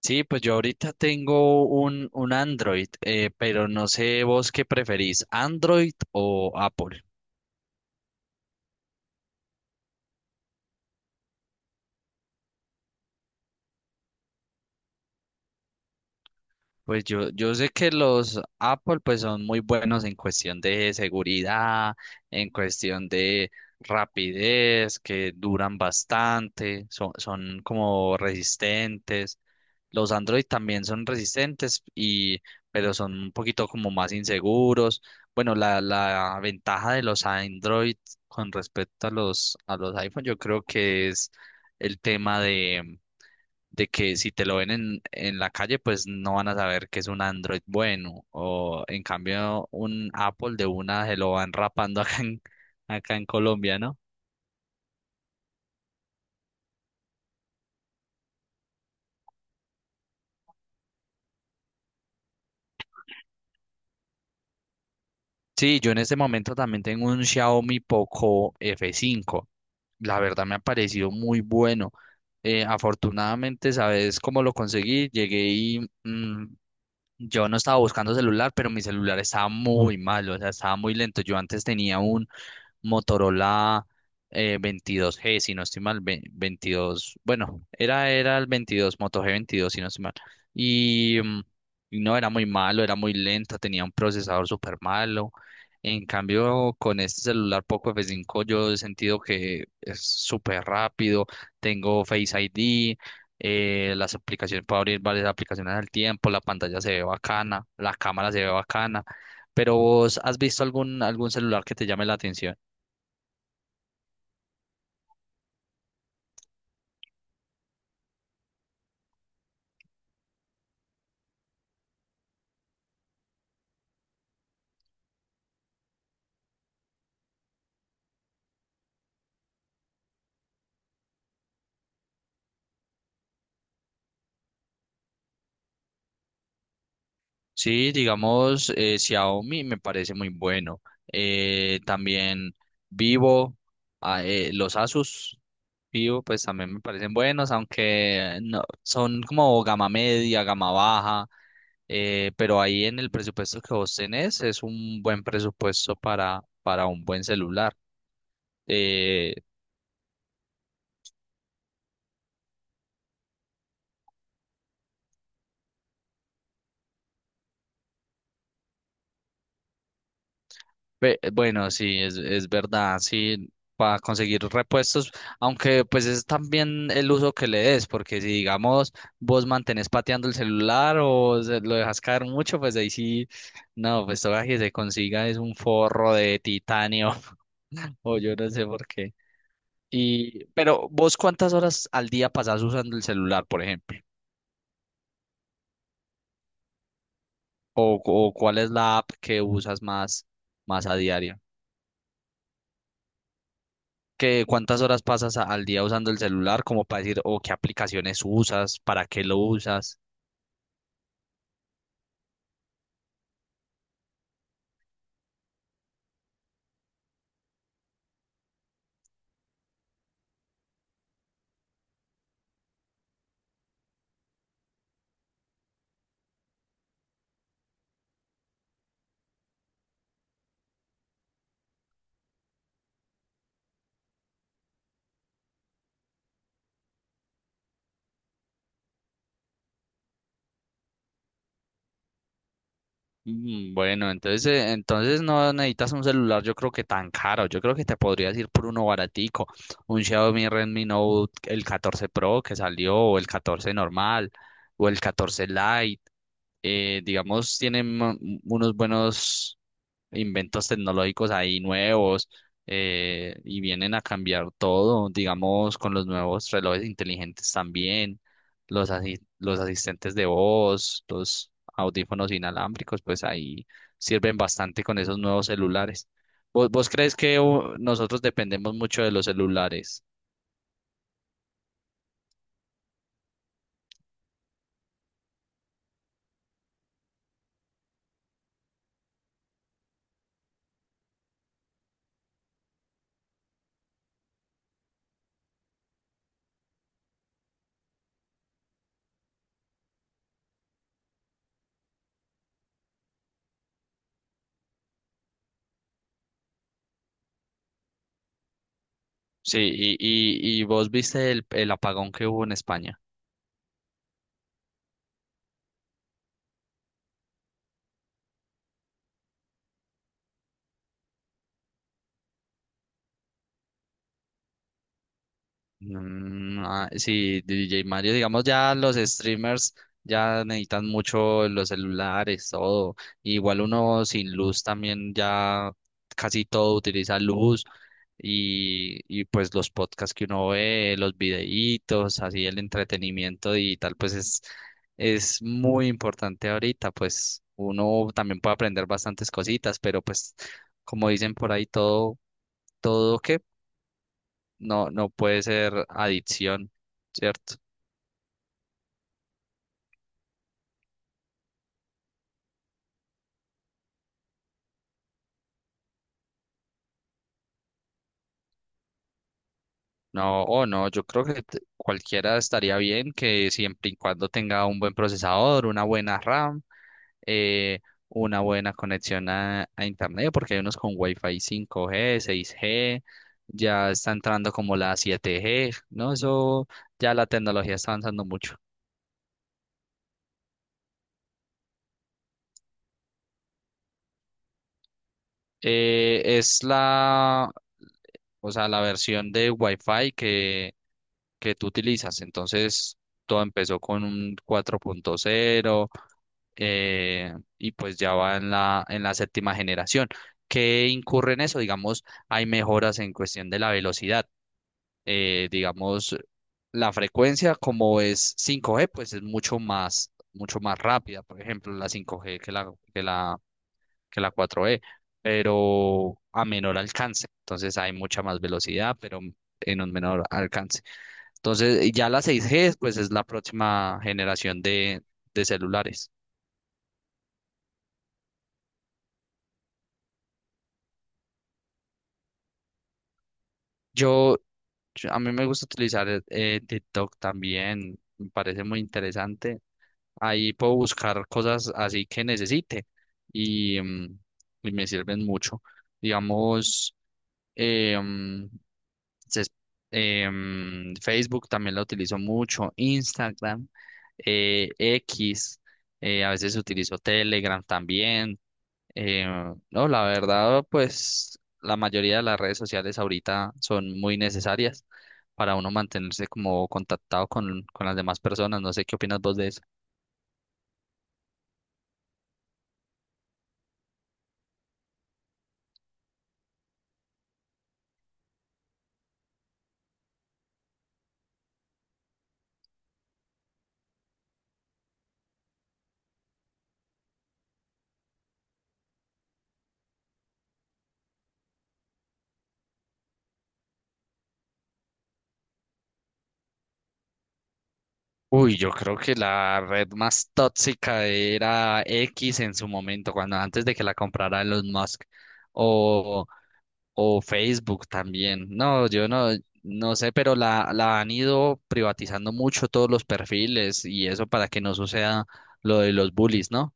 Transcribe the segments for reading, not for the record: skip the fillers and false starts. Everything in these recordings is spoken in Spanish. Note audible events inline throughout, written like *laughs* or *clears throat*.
Sí, pues yo ahorita tengo un Android, pero no sé vos qué preferís, Android o Apple. Pues yo sé que los Apple pues son muy buenos en cuestión de seguridad, en cuestión de rapidez, que duran bastante, son como resistentes. Los Android también son resistentes pero son un poquito como más inseguros. Bueno, la ventaja de los Android con respecto a los iPhone, yo creo que es el tema de que si te lo ven en la calle, pues no van a saber que es un Android bueno. O en cambio, un Apple de una se lo van rapando *laughs* acá en Colombia, ¿no? Sí, yo en este momento también tengo un Xiaomi Poco F5. La verdad me ha parecido muy bueno. Afortunadamente, ¿sabes cómo lo conseguí? Llegué y yo no estaba buscando celular, pero mi celular estaba muy malo, o sea, estaba muy lento. Yo antes tenía un Motorola 22G, si no estoy mal, 22, bueno, era el 22 Moto g veintidós, si no estoy mal. Y, mm, y no, era muy malo, era muy lento, tenía un procesador súper malo. En cambio, con este celular Poco f cinco, yo he sentido que es súper rápido, tengo Face ID. Las aplicaciones, puedo abrir varias aplicaciones al tiempo, la pantalla se ve bacana, la cámara se ve bacana, pero ¿vos has visto algún celular que te llame la atención? Sí, digamos, Xiaomi me parece muy bueno. También Vivo, los Asus Vivo, pues también me parecen buenos, aunque no, son como gama media, gama baja, pero ahí en el presupuesto que vos tenés es un buen presupuesto para un buen celular. Eh, Bueno, sí, es verdad, sí, para conseguir repuestos, aunque pues es también el uso que le des, porque si digamos vos mantenés pateando el celular o lo dejas caer mucho, pues ahí sí, no, pues todo que se consiga es un forro de titanio *laughs* o yo no sé por qué. Y pero vos, ¿cuántas horas al día pasás usando el celular? Por ejemplo, o ¿cuál es la app que usas más, más a diario? Que ¿cuántas horas pasas al día usando el celular? Como para decir, o ¿qué aplicaciones usas, para qué lo usas? Bueno, entonces, entonces no necesitas un celular, yo creo que tan caro. Yo creo que te podrías ir por uno baratico, un Xiaomi Redmi Note, el catorce Pro que salió, o el 14 normal, o el 14 Lite. Digamos, tienen unos buenos inventos tecnológicos ahí nuevos, y vienen a cambiar todo, digamos, con los nuevos relojes inteligentes también, los asistentes de voz, los audífonos inalámbricos, pues ahí sirven bastante con esos nuevos celulares. ¿Vos crees que nosotros dependemos mucho de los celulares? Sí, y vos viste el apagón que hubo en España. Sí, DJ Mario, digamos ya los streamers ya necesitan mucho los celulares, todo. Igual uno sin luz también ya casi todo utiliza luz y pues los podcasts que uno ve, los videitos, así el entretenimiento digital, pues es muy importante ahorita, pues uno también puede aprender bastantes cositas, pero pues como dicen por ahí, todo que no puede ser adicción, ¿cierto? No, o no, yo creo que cualquiera estaría bien, que siempre y cuando tenga un buen procesador, una buena RAM, eh, una buena conexión a internet, porque hay unos con Wi-Fi 5G, 6G, ya está entrando como la 7G, ¿no? Eso, ya la tecnología está avanzando mucho. Es o sea, la versión de Wi-Fi que tú utilizas. Entonces, todo empezó con un 4.0, eh, y pues ya va en en la séptima generación. ¿Qué incurre en eso? Digamos, hay mejoras en cuestión de la velocidad. Digamos, la frecuencia como es cinco g, pues es mucho más rápida, por ejemplo, la cinco g que que la cuatro g, pero a menor alcance. Entonces hay mucha más velocidad, pero en un menor alcance. Entonces, y ya la 6G, pues es la próxima generación de celulares. Yo, a mí me gusta utilizar TikTok también, me parece muy interesante. Ahí puedo buscar cosas así que necesite y, mm, y me sirven mucho. Digamos, eh, mm, ses- Facebook también la utilizo mucho, Instagram, X, a veces utilizo Telegram también. Eh, no, la verdad, pues la mayoría de las redes sociales ahorita son muy necesarias para uno mantenerse como contactado con las demás personas. No sé qué opinas vos de eso. Uy, yo creo que la red más tóxica era X en su momento, cuando antes de que la comprara Elon Musk o, o Facebook también. No, yo no, no sé, pero la han ido privatizando mucho todos los perfiles y eso para que no suceda lo de los bullies, ¿no?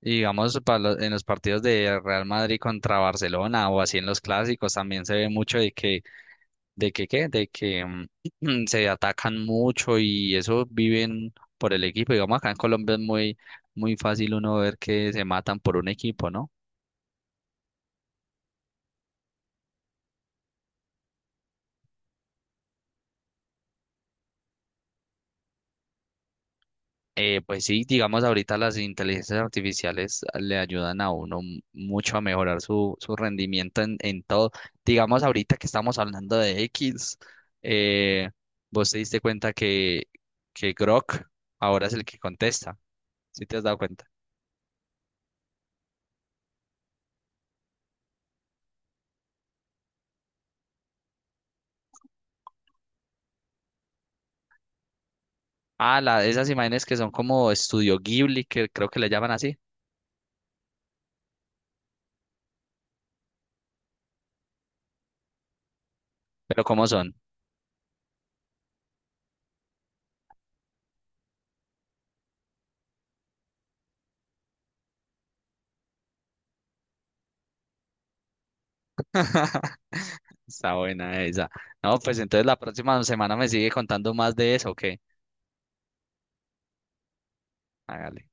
Y digamos, para en los partidos de Real Madrid contra Barcelona o así en los clásicos también se ve mucho de que, ¿qué? De que *clears throat* se atacan mucho y eso viven por el equipo. Digamos, acá en Colombia es muy fácil uno ver que se matan por un equipo, ¿no? Pues sí, digamos ahorita las inteligencias artificiales le ayudan a uno mucho a mejorar su rendimiento en todo. Digamos ahorita que estamos hablando de X, eh, vos te diste cuenta que Grok ahora es el que contesta, ¿sí te has dado cuenta? Ah, la, esas imágenes que son como estudio Ghibli, que creo que le llaman así, pero ¿cómo son? *laughs* Está buena esa. No, pues entonces la próxima semana me sigue contando más de eso, ¿o qué? Hágale.